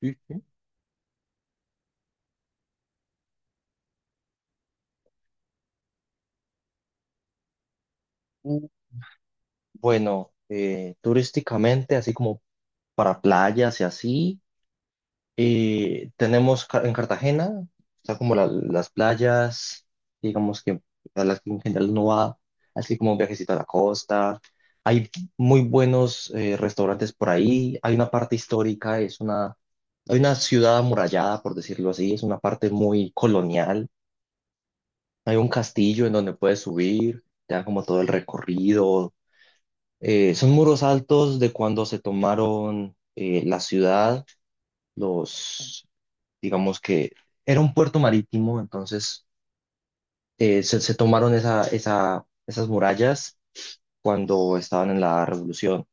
Sí, sí. Mm, Bueno, turísticamente, así como para playas y así, en Cartagena, está como las playas, digamos que a las que en general uno va, así como un viajecito a la costa. Hay muy buenos restaurantes por ahí, hay una parte histórica, hay una ciudad amurallada, por decirlo así, es una parte muy colonial. Hay un castillo en donde puedes subir, te dan como todo el recorrido. Son muros altos de cuando se tomaron la ciudad, los, digamos que era un puerto marítimo, entonces se tomaron esas murallas cuando estaban en la revolución.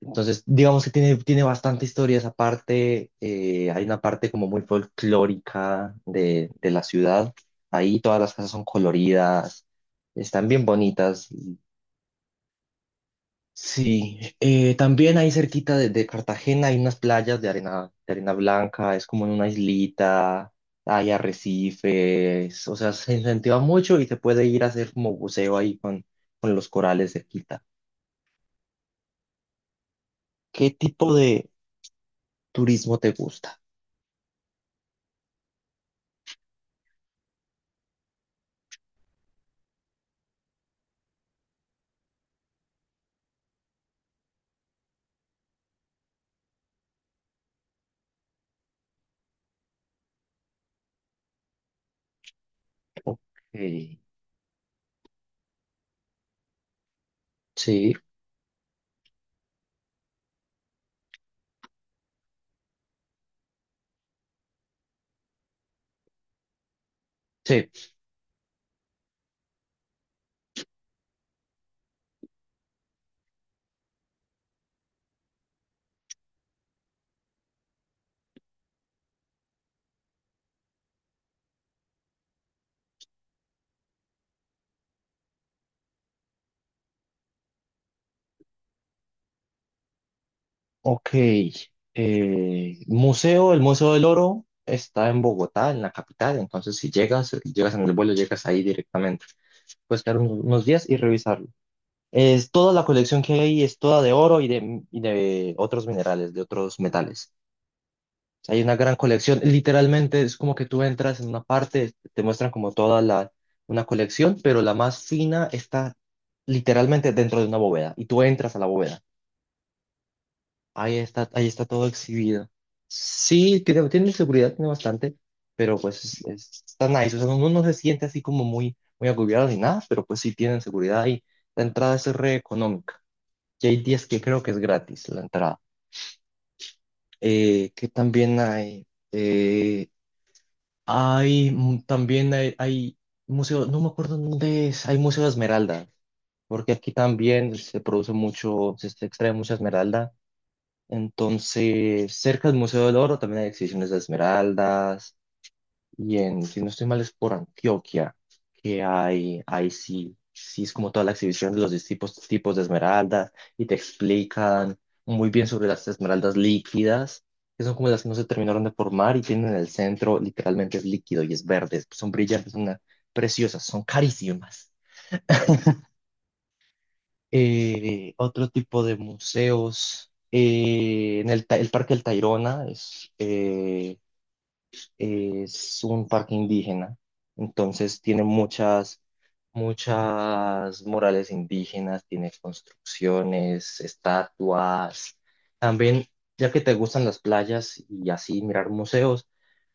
Entonces, digamos que tiene bastante historia esa parte, hay una parte como muy folclórica de la ciudad, ahí todas las casas son coloridas, están bien bonitas. Sí, también ahí cerquita de Cartagena hay unas playas de arena blanca, es como en una islita, hay arrecifes, o sea, se incentiva mucho y se puede ir a hacer como buceo ahí con los corales cerquita. ¿Qué tipo de turismo te gusta? Ok, sí, sí, ok. Eh, museo, el Museo del Oro está en Bogotá, en la capital, entonces si llegas, llegas en el vuelo, llegas ahí directamente. Puedes quedar unos días y revisarlo. Es toda la colección que hay es toda de oro y de otros minerales, de otros metales. O sea, hay una gran colección. Literalmente es como que tú entras en una parte, te muestran como toda la, una colección, pero la más fina está literalmente dentro de una bóveda y tú entras a la bóveda. Ahí está todo exhibido. Sí, tiene seguridad, tiene bastante, pero pues está nice. O sea, uno no se siente así como muy, muy agobiado ni nada, pero pues sí tienen seguridad y la entrada es re económica y hay días que creo que es gratis la entrada. Que también hay, hay museo, no me acuerdo dónde es, hay Museo de Esmeralda, porque aquí también se produce mucho, se extrae mucha esmeralda. Entonces, cerca del Museo del Oro también hay exhibiciones de esmeraldas. Y en, si no estoy mal, es por Antioquia, que hay, ahí sí, sí es como toda la exhibición de los distintos tipos de esmeraldas y te explican muy bien sobre las esmeraldas líquidas, que son como las que no se terminaron de formar y tienen el centro, literalmente es líquido y es verde, pues son brillantes, preciosas, son carísimas. Otro tipo de museos, el Parque del Tayrona es un parque indígena, entonces tiene muchas, muchas murales indígenas, tiene construcciones, estatuas. También, ya que te gustan las playas y así mirar museos,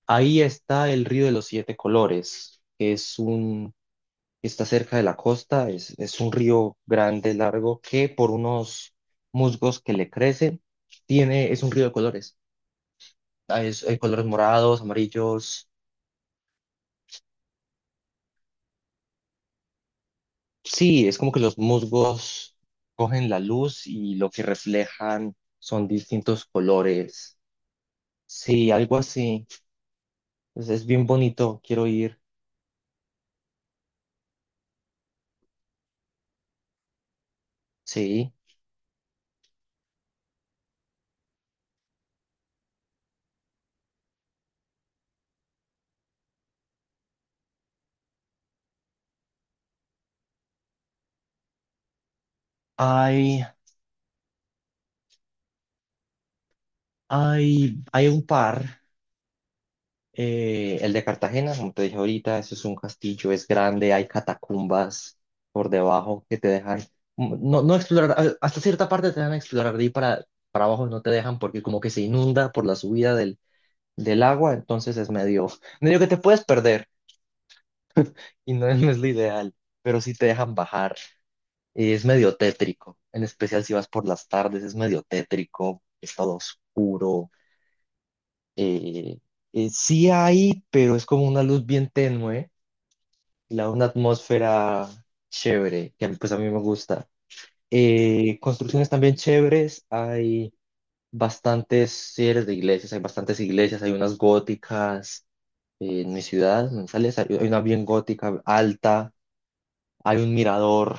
ahí está el Río de los Siete Colores, está cerca de la costa, es un río grande, largo, que por unos musgos que le crecen, tiene, es un río de colores. Hay colores morados, amarillos. Sí, es como que los musgos cogen la luz y lo que reflejan son distintos colores. Sí, algo así. Pues es bien bonito, quiero ir. Sí. Hay, hay un par, el de Cartagena, como te dije ahorita, eso es un castillo, es grande, hay catacumbas por debajo que te dejan, mm, no, no explorar, hasta cierta parte te dejan explorar de ahí para abajo, no te dejan porque como que se inunda por la subida del agua, entonces es medio que te puedes perder y no es, no es lo ideal, pero sí te dejan bajar. Y es medio tétrico, en especial si vas por las tardes, es medio tétrico, es todo oscuro. eh, sí hay, pero es como una luz bien tenue, y la, una atmósfera chévere, que pues a mí me gusta. Construcciones también chéveres, hay bastantes, si eres de iglesias, hay bastantes iglesias, hay unas góticas. En mi ciudad, en Manizales, hay una bien gótica, alta, hay un mirador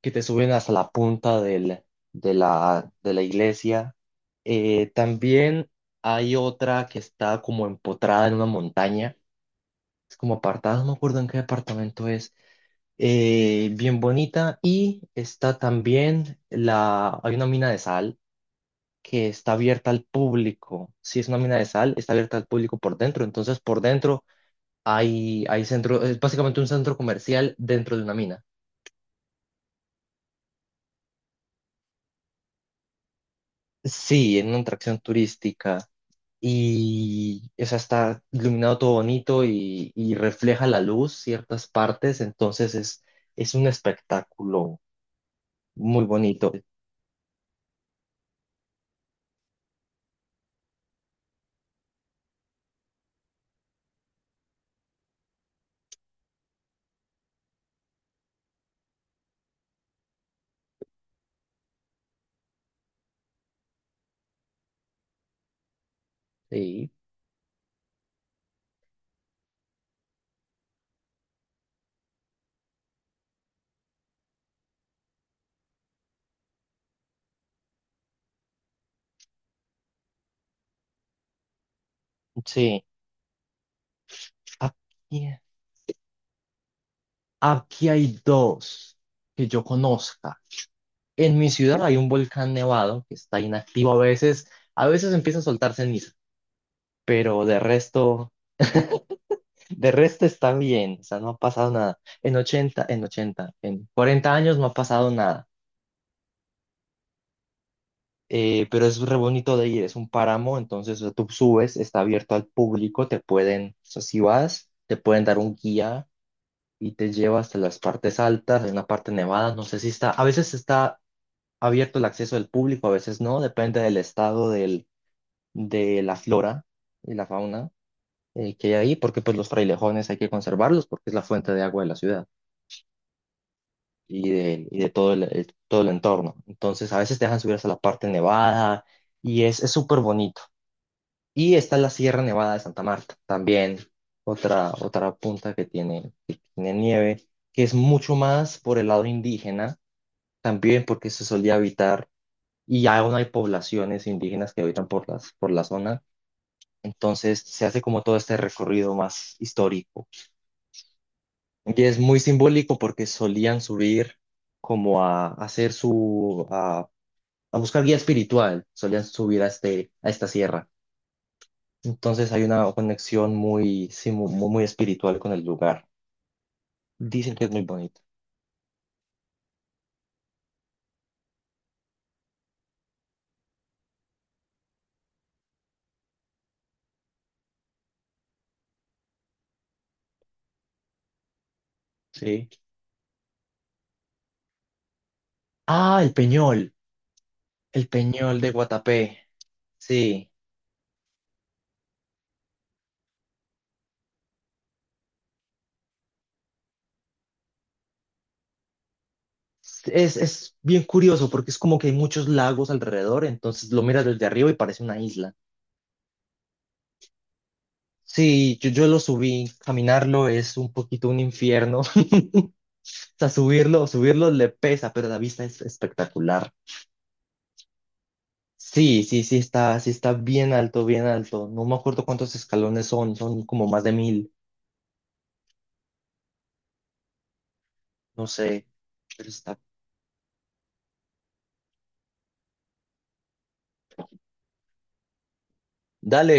que te suben hasta la punta de la iglesia. También hay otra que está como empotrada en una montaña, es como apartada, no me acuerdo en qué departamento es. Bien bonita. Y está también la, hay una mina de sal que está abierta al público. Si es una mina de sal, está abierta al público por dentro, entonces por dentro es básicamente un centro comercial dentro de una mina. Sí, en una atracción turística. Y, o sea, está iluminado todo bonito y refleja la luz ciertas partes, entonces es un espectáculo muy bonito. Sí, sí. Aquí, aquí hay dos que yo conozca. En mi ciudad hay un volcán nevado que está inactivo a veces empieza a soltar ceniza, pero de resto... De resto está bien, o sea, no ha pasado nada. En 40 años no ha pasado nada. Pero es re bonito de ir, es un páramo, entonces o sea, tú subes, está abierto al público, te pueden, o sea, si vas, te pueden dar un guía y te lleva hasta las partes altas, hay una parte nevada, no sé si está, a veces está abierto el acceso del público, a veces no, depende del estado del, de la flora y la fauna que hay ahí, porque pues los frailejones hay que conservarlos porque es la fuente de agua de la ciudad. Y de todo todo el entorno. Entonces, a veces te dejan subir hasta la parte nevada y es súper bonito. Y está la Sierra Nevada de Santa Marta, también otra, otra punta que tiene nieve, que es mucho más por el lado indígena, también porque se solía habitar y aún hay poblaciones indígenas que habitan por la zona. Entonces se hace como todo este recorrido más histórico. Y es muy simbólico porque solían subir como a hacer su, a buscar guía espiritual, solían subir a, este, a esta sierra. Entonces hay una conexión muy, sí, muy espiritual con el lugar. Dicen que es muy bonito. Sí. Ah, el Peñol de Guatapé. Sí. Es bien curioso porque es como que hay muchos lagos alrededor, entonces lo miras desde arriba y parece una isla. Sí, yo lo subí, caminarlo es un poquito un infierno. O sea, subirlo le pesa, pero la vista es espectacular. Sí, sí, sí está bien alto, bien alto. No me acuerdo cuántos escalones son, son como más de 1.000, no sé, pero está. Dale,